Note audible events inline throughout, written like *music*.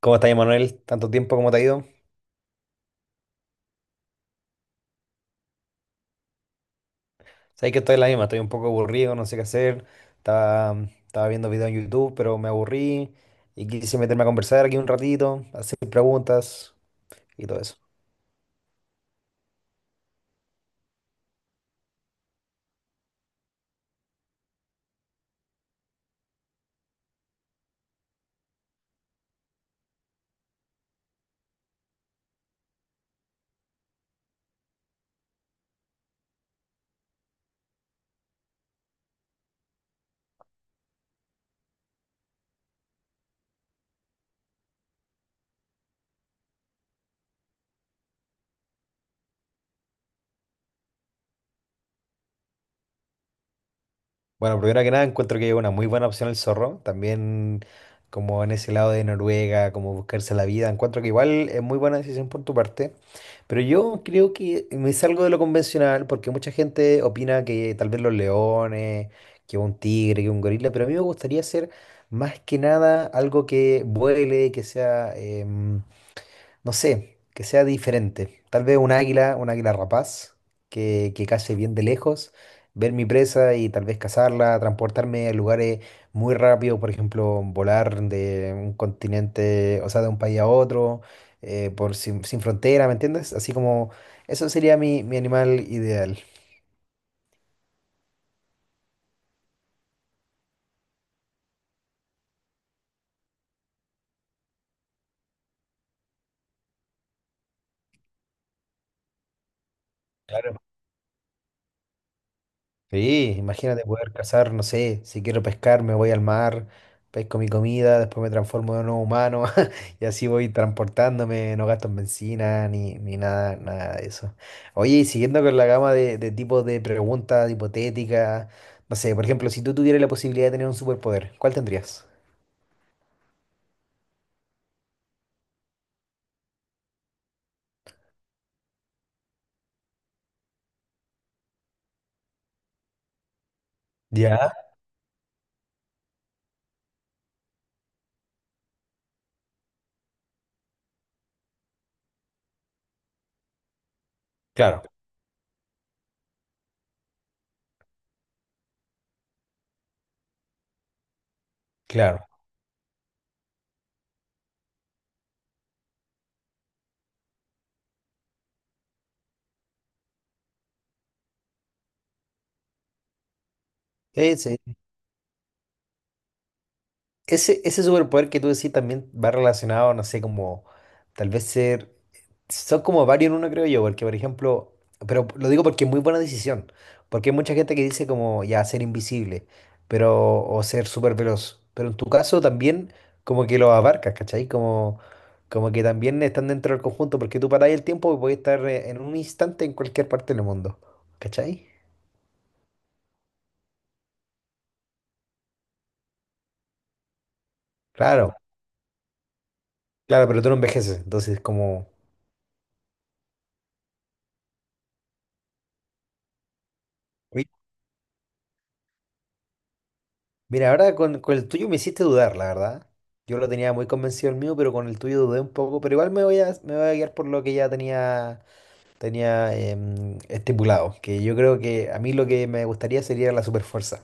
¿Cómo estás, Manuel? ¿Tanto tiempo? ¿Cómo te ha ido? Sabes que estoy en la misma, estoy un poco aburrido, no sé qué hacer. Estaba, estaba viendo videos en YouTube, pero me aburrí y quise meterme a conversar aquí un ratito, hacer preguntas y todo eso. Bueno, primero que nada, encuentro que es una muy buena opción el zorro. También, como en ese lado de Noruega, como buscarse la vida, encuentro que igual es muy buena decisión por tu parte. Pero yo creo que me salgo de lo convencional porque mucha gente opina que tal vez los leones, que un tigre, que un gorila, pero a mí me gustaría hacer más que nada algo que vuele, que sea, no sé, que sea diferente. Tal vez un águila rapaz, que case bien de lejos, ver mi presa y tal vez cazarla, transportarme a lugares muy rápido, por ejemplo, volar de un continente, o sea, de un país a otro, por sin frontera, ¿me entiendes? Así como, eso sería mi animal ideal. Claro. Sí, imagínate poder cazar, no sé, si quiero pescar me voy al mar, pesco mi comida, después me transformo en un humano *laughs* y así voy transportándome, no gasto en benzina ni nada, nada de eso. Oye, y siguiendo con la gama de tipos de preguntas hipotéticas, no sé, por ejemplo, si tú tuvieras la posibilidad de tener un superpoder, ¿cuál tendrías? Ya, claro, claro. Sí, sí, ese superpoder que tú decís también va relacionado, no sé, como tal vez ser... Son como varios en uno, creo yo, porque por ejemplo, pero lo digo porque es muy buena decisión, porque hay mucha gente que dice como ya ser invisible, pero o ser súper veloz, pero en tu caso también como que lo abarcas, ¿cachai? Como, como que también están dentro del conjunto, porque tú paráis el tiempo y podés estar en un instante en cualquier parte del mundo, ¿cachai? Claro, claro, pero tú no envejeces, entonces como... Mira, ahora con el tuyo me hiciste dudar, la verdad. Yo lo tenía muy convencido el mío, pero con el tuyo dudé un poco. Pero igual me voy a guiar por lo que ya tenía estipulado. Que yo creo que a mí lo que me gustaría sería la superfuerza.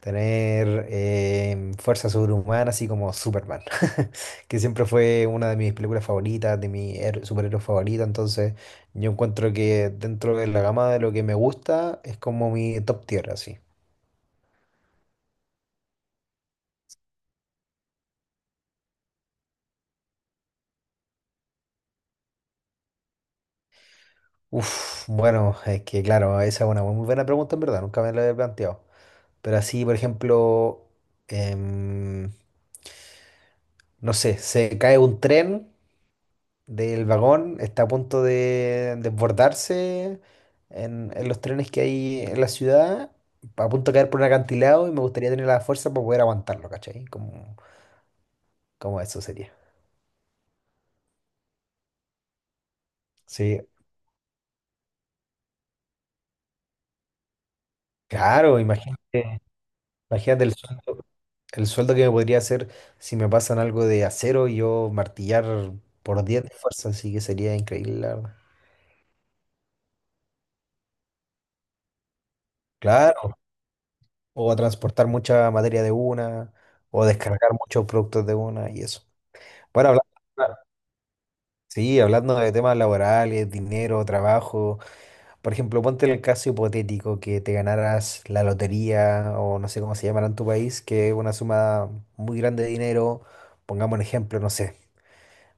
Tener fuerza sobrehumana, así como Superman. *laughs* Que siempre fue una de mis películas favoritas, de mi superhéroe favorita. Entonces, yo encuentro que dentro de la gama de lo que me gusta, es como mi top tier, así. Uf, bueno, es que claro, esa es una muy buena pregunta en verdad, nunca me la había planteado. Pero así, por ejemplo, em, no sé, se cae un tren del vagón, está a punto de desbordarse en los trenes que hay en la ciudad, a punto de caer por un acantilado y me gustaría tener la fuerza para poder aguantarlo, ¿cachai? Como, como eso sería. Sí, claro, imagínate el sueño. El sueldo que me podría hacer si me pasan algo de acero y yo martillar por 10 de fuerza, así que sería increíble, la verdad. Claro, o transportar mucha materia de una, o descargar muchos productos de una y eso. Bueno, hablando, claro, sí, hablando de temas laborales, dinero, trabajo, por ejemplo, ponte el caso hipotético que te ganaras la lotería o no sé cómo se llamará en tu país, que es una suma muy grande de dinero, pongamos un ejemplo, no sé.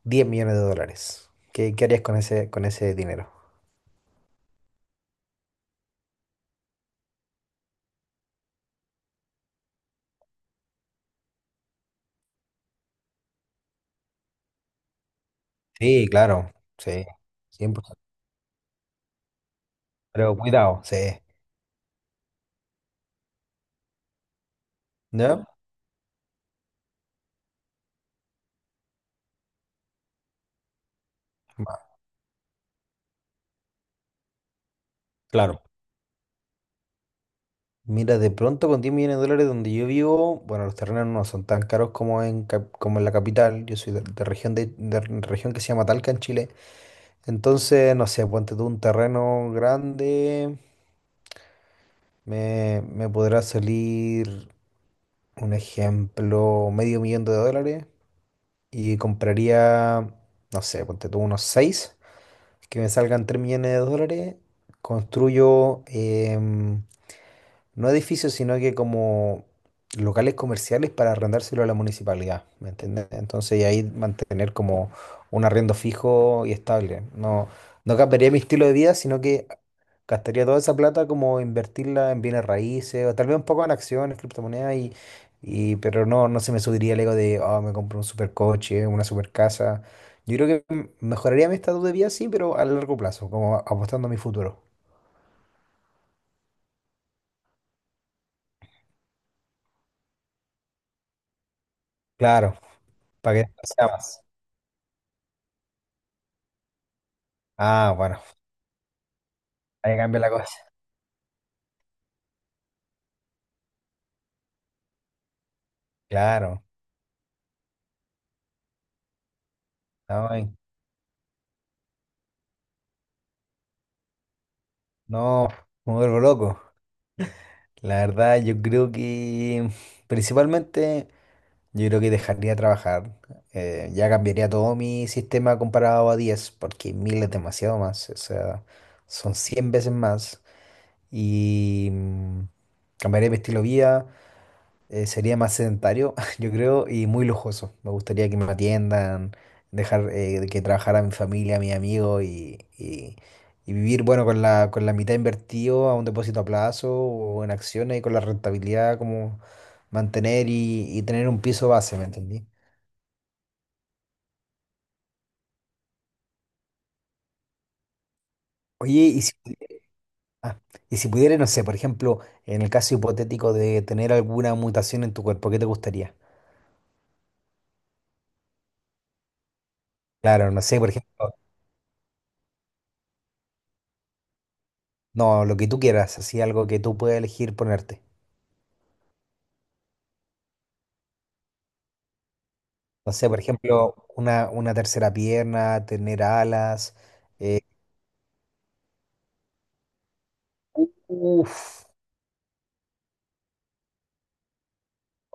10 millones de dólares. ¿Qué harías con ese dinero? Sí, claro, sí, 100%. Pero cuidado, sí. ¿No? Ma- Claro. Mira, de pronto con 10 millones de dólares donde yo vivo, bueno, los terrenos no son tan caros como en la capital. Yo soy de región de región que se llama Talca en Chile. Entonces, no sé, ponte tú un terreno grande, me podrá salir un ejemplo, medio millón de dólares. Y compraría, no sé, ponte tú unos 6 que me salgan 3 millones de dólares, construyo no edificios, sino que como locales comerciales para arrendárselo a la municipalidad, ¿me entiendes? Entonces y ahí mantener como un arriendo fijo y estable. No, no cambiaría mi estilo de vida, sino que gastaría toda esa plata como invertirla en bienes raíces o tal vez un poco en acciones, criptomonedas y pero no, no se me subiría el ego de, oh, me compro un supercoche, una supercasa. Yo creo que mejoraría mi estado de vida, sí, pero a largo plazo, como apostando a mi futuro. Claro, para que esto sea más. Ah, bueno, ahí cambia la cosa. Claro, no, no, me vuelvo loco. La verdad, yo creo que principalmente yo creo que dejaría de trabajar. Ya cambiaría todo mi sistema comparado a 10 porque 1000 es demasiado más. O sea, son 100 veces más. Y cambiaría mi estilo de vida. Sería más sedentario, *laughs* yo creo, y muy lujoso. Me gustaría que me atiendan, dejar que trabajara mi familia, mi amigo y vivir, bueno, con la mitad invertido a un depósito a plazo o en acciones y con la rentabilidad como mantener y tener un piso base, ¿me entendí? Oye, ah, y si pudiera, no sé, por ejemplo, en el caso hipotético de tener alguna mutación en tu cuerpo, ¿qué te gustaría? Claro, no sé, por ejemplo, no, lo que tú quieras, así algo que tú puedas elegir ponerte. No sé, por ejemplo, una tercera pierna, tener alas. eh, uf,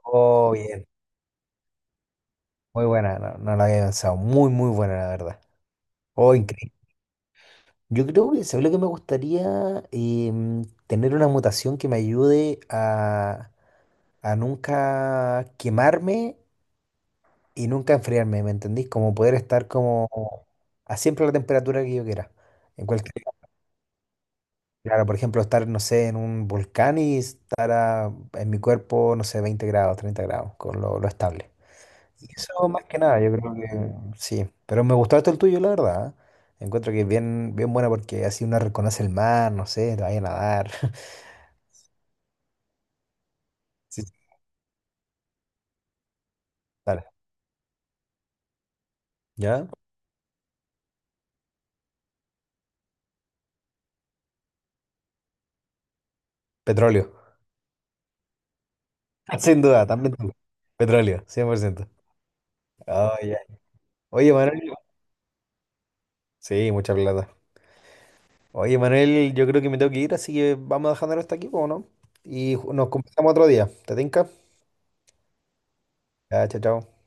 oh, bien, muy buena, no, no la había pensado, muy, muy buena, la verdad. Oh, increíble. Yo creo que, ¿sabes lo que me gustaría? Tener una mutación que me ayude a nunca quemarme y nunca enfriarme, ¿me entendís? Como poder estar como a siempre la temperatura que yo quiera. En cualquier, claro, por ejemplo, estar, no sé, en un volcán y estar en mi cuerpo, no sé, 20 grados, 30 grados, con lo estable. Y eso más que nada, yo creo que sí. Pero me gustó esto el tuyo, la verdad. ¿Eh? Encuentro que es bien, bien buena porque así uno reconoce el mar, no sé, te vaya a nadar. *laughs* Sí, sí, dale. ¿Ya? Petróleo. *laughs* Sin duda, también tú. Petróleo, 100%. Ah, ya. Oye, Manuel. Sí, mucha plata. Oye, Manuel, yo creo que me tengo que ir, así que vamos a dejarlo hasta aquí, ¿o no? Y nos conversamos otro día. ¿Te tinca? Ya, chao, chao.